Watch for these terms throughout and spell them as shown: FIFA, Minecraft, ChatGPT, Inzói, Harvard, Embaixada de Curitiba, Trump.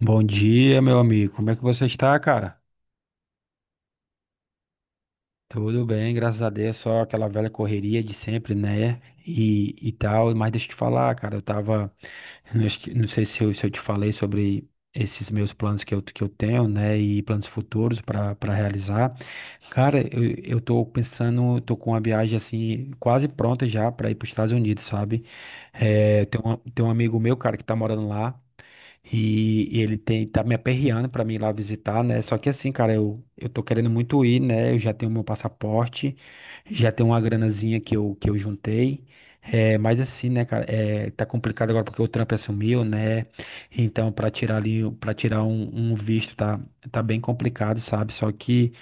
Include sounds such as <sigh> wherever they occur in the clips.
Bom dia, meu amigo. Como é que você está, cara? Tudo bem, graças a Deus. Só aquela velha correria de sempre, né? E tal. Mas deixa eu te falar, cara. Eu tava. Não acho que- não sei se eu te falei sobre esses meus planos que eu tenho, né? E planos futuros para para realizar. Cara, eu tô pensando. Tô com uma viagem assim, quase pronta já para ir para os Estados Unidos, sabe? É, tem um amigo meu, cara, que tá morando lá. E ele tem, tá me aperreando pra mim ir lá visitar, né? Só que assim, cara, eu tô querendo muito ir, né? Eu já tenho meu passaporte, já tenho uma granazinha que eu juntei. É, mas assim, né, cara, tá complicado agora porque o Trump assumiu, né? Então, pra tirar ali, para tirar um visto tá, tá bem complicado, sabe? Só que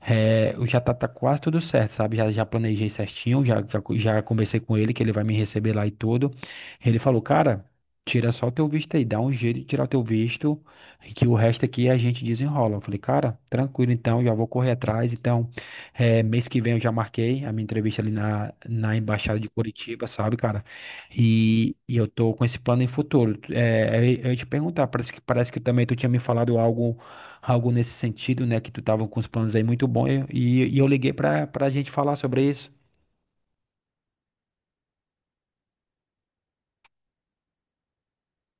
eu tá quase tudo certo, sabe? Já planejei certinho, já conversei com ele que ele vai me receber lá e tudo. Ele falou, cara. Tira só o teu visto aí, dá um jeito de tirar o teu visto, que o resto aqui a gente desenrola. Eu falei, cara, tranquilo então, já vou correr atrás. Então, mês que vem eu já marquei a minha entrevista ali na, na Embaixada de Curitiba, sabe, cara? E eu tô com esse plano em futuro. Eu ia te perguntar, parece que também tu tinha me falado algo, algo nesse sentido, né? Que tu tava com os planos aí muito bons e eu liguei pra, pra gente falar sobre isso.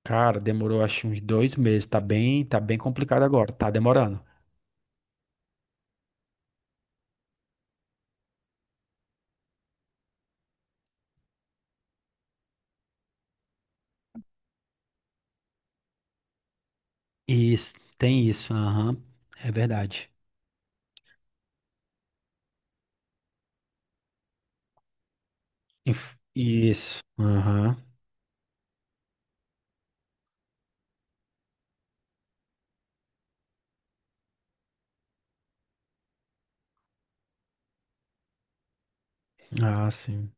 Cara, demorou acho uns 2 meses, tá bem complicado agora, tá demorando. Isso, tem isso, aham. É verdade. Isso, aham. Ah, sim,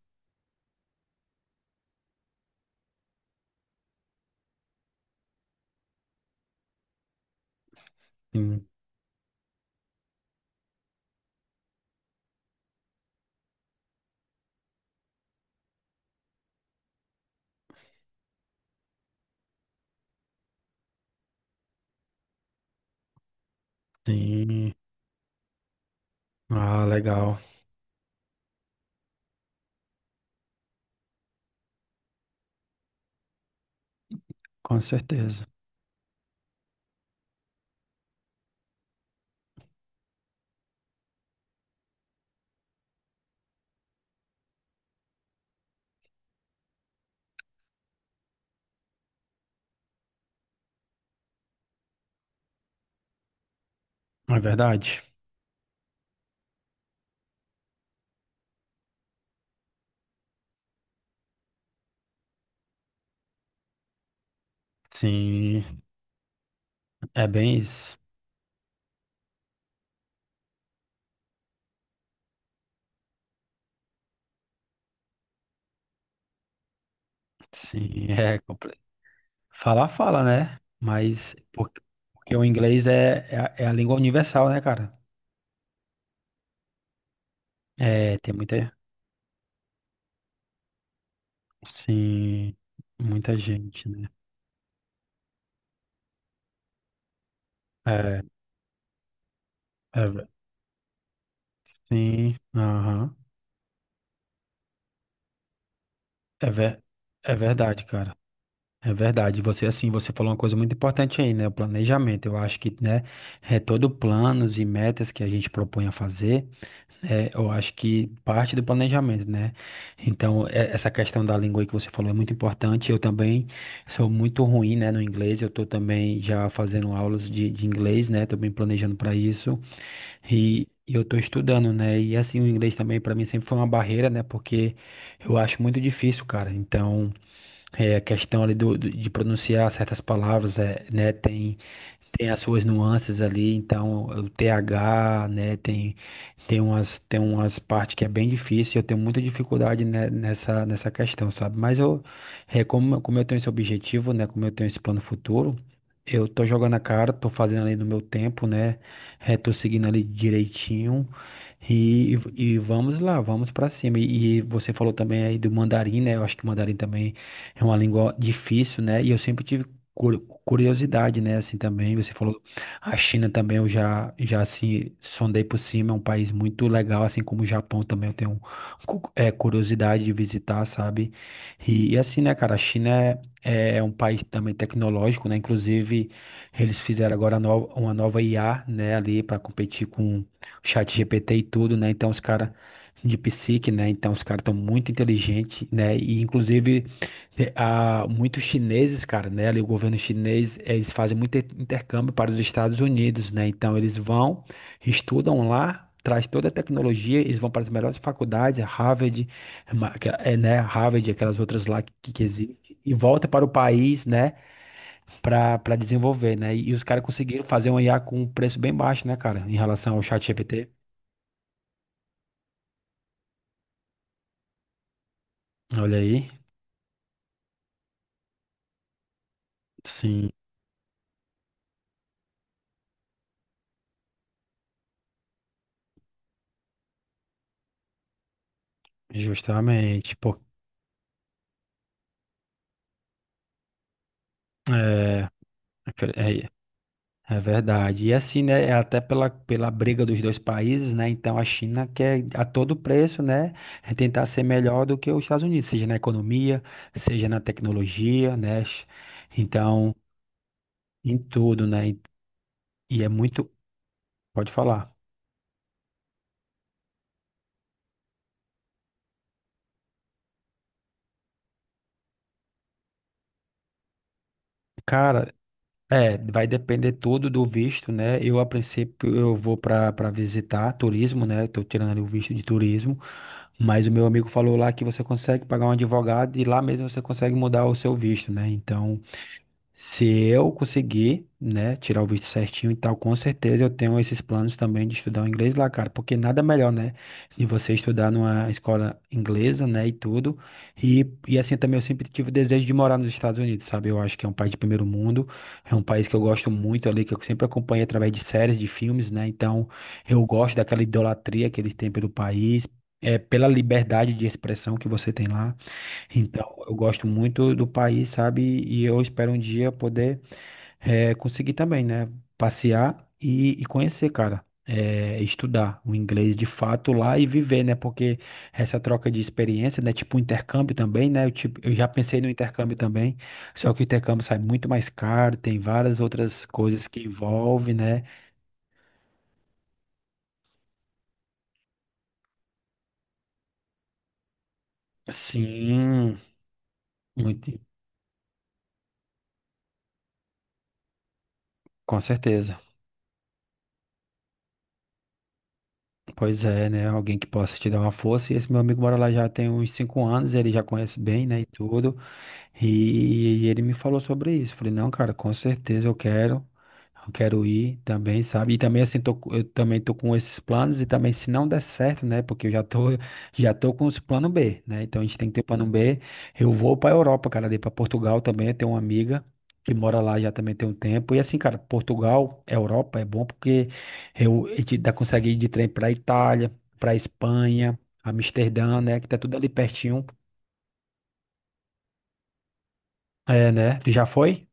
sim, sim. Ah, legal. Com certeza. É verdade. Sim, é bem isso. Sim, <laughs> é completo. Falar, fala, né? Mas porque, porque o inglês é a língua universal, né, cara? É, tem muita. Sim, muita gente, né? É, é, ve- sim, aham. É, ver, é verdade, cara. É verdade, você assim, você falou uma coisa muito importante aí, né? O planejamento. Eu acho que, né, é todo planos e metas que a gente propõe a fazer, eu acho que parte do planejamento, né? Então, essa questão da língua aí que você falou é muito importante. Eu também sou muito ruim, né, no inglês. Eu tô também já fazendo aulas de inglês, né? Tô bem planejando para isso. E eu tô estudando, né? E assim, o inglês também para mim sempre foi uma barreira, né? Porque eu acho muito difícil, cara. Então, a questão ali do, de pronunciar certas palavras, é, né? Tem as suas nuances ali, então o TH, né, tem umas partes que é bem difícil, eu tenho muita dificuldade né, nessa nessa questão, sabe? Mas eu como eu tenho esse objetivo, né, como eu tenho esse plano futuro, eu tô jogando a cara, tô fazendo ali no meu tempo, né? É, tô seguindo ali direitinho. E vamos lá, vamos pra cima. E você falou também aí do mandarim, né? Eu acho que o mandarim também é uma língua difícil, né? E eu sempre tive curiosidade, né, assim também, você falou, a China também eu já assim, sondei por cima, é um país muito legal, assim como o Japão também eu tenho um curiosidade de visitar, sabe, e assim, né, cara, a China é um país também tecnológico, né, inclusive eles fizeram agora uma nova IA, né, ali para competir com o chat GPT e tudo, né, então os caras de psique, né, então os caras estão muito inteligentes, né, e inclusive há muitos chineses, cara, né? Ali o governo chinês, eles fazem muito intercâmbio para os Estados Unidos, né? Então eles vão, estudam lá, traz toda a tecnologia, eles vão para as melhores faculdades, é Harvard, né? Harvard, aquelas outras lá que existem, e volta para o país, né? Para para desenvolver, né? E, os caras conseguiram fazer um IA com um preço bem baixo, né, cara? Em relação ao chat GPT. Olha aí. Sim, justamente. Pô, é, é verdade. E assim, né, é até pela, pela briga dos dois países, né, então a China quer a todo preço, né, tentar ser melhor do que os Estados Unidos, seja na economia, seja na tecnologia, né, então, em tudo, né, e é muito, pode falar. Cara, é, vai depender tudo do visto, né, eu a princípio eu vou para para visitar turismo, né, tô tirando ali o visto de turismo, mas o meu amigo falou lá que você consegue pagar um advogado e lá mesmo você consegue mudar o seu visto, né? Então, se eu conseguir, né, tirar o visto certinho e tal, com certeza eu tenho esses planos também de estudar o inglês lá, cara, porque nada melhor, né, de você estudar numa escola inglesa, né, e tudo. E assim também eu sempre tive o desejo de morar nos Estados Unidos, sabe? Eu acho que é um país de primeiro mundo, é um país que eu gosto muito ali, que eu sempre acompanho através de séries, de filmes, né? Então, eu gosto daquela idolatria que eles têm pelo país, é pela liberdade de expressão que você tem lá. Então, eu gosto muito do país, sabe? E eu espero um dia poder conseguir também, né? Passear e conhecer, cara. Estudar o inglês de fato lá e viver, né? Porque essa troca de experiência, né? Tipo um intercâmbio também, né? Eu, tipo, eu já pensei no intercâmbio também, só que o intercâmbio sai muito mais caro, tem várias outras coisas que envolve, né? Sim, muito, com certeza. Pois é, né? Alguém que possa te dar uma força. E esse meu amigo mora lá já tem uns 5 anos, ele já conhece bem, né? E tudo. E ele me falou sobre isso. Falei, não, cara, com certeza eu quero ir também, sabe? E também assim, eu também tô com esses planos e também se não der certo, né? Porque eu já tô com os plano B, né? Então a gente tem que ter plano B. Eu vou pra Europa, cara, ali pra Portugal também. Eu tenho uma amiga que mora lá já também tem um tempo. E assim, cara, Portugal, Europa é bom porque eu, a gente dá, consegue ir de trem pra Itália, pra Espanha, Amsterdã, né? Que tá tudo ali pertinho. É, né? Tu já foi?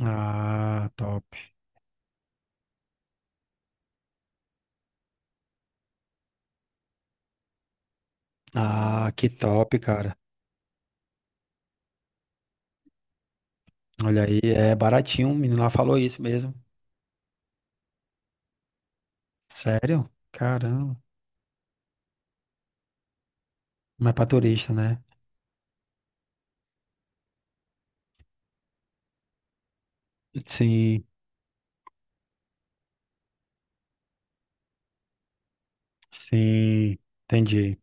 Ah, top. Ah, que top, cara. Olha aí, é baratinho. O menino lá falou isso mesmo. Sério? Caramba. Mas pra turista, né? Sim, sim. Entendi.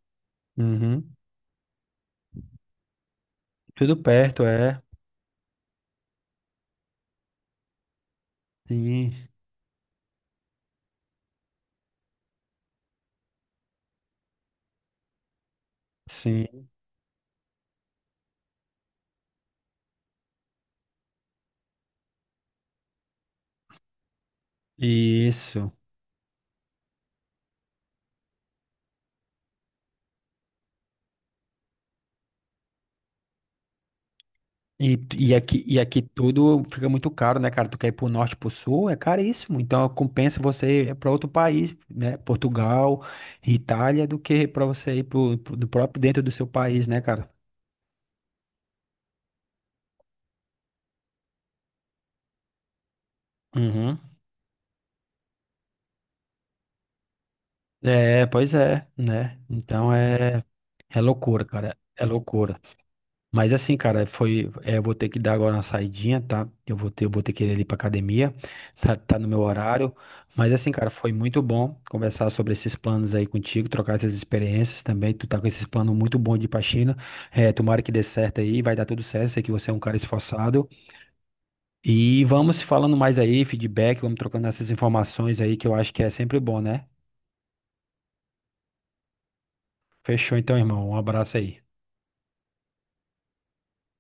Uhum. Tudo perto, é. Sim, sim. Isso. E aqui tudo fica muito caro, né, cara? Tu quer ir pro norte, pro sul, é caríssimo. Então compensa você ir pra outro país, né? Portugal, Itália, do que pra você ir do próprio dentro do seu país, né, cara? Uhum. É, pois é, né? Então é, é loucura, cara. É loucura. Mas assim, cara, foi. É, eu vou ter que dar agora uma saidinha, tá? Eu vou ter que ir ali pra academia. <laughs> Tá, tá no meu horário. Mas assim, cara, foi muito bom conversar sobre esses planos aí contigo, trocar essas experiências também. Tu tá com esses planos muito bons de ir pra China. É, tomara que dê certo aí, vai dar tudo certo. Sei que você é um cara esforçado. E vamos se falando mais aí, feedback, vamos trocando essas informações aí, que eu acho que é sempre bom, né? Fechou então, irmão. Um abraço aí.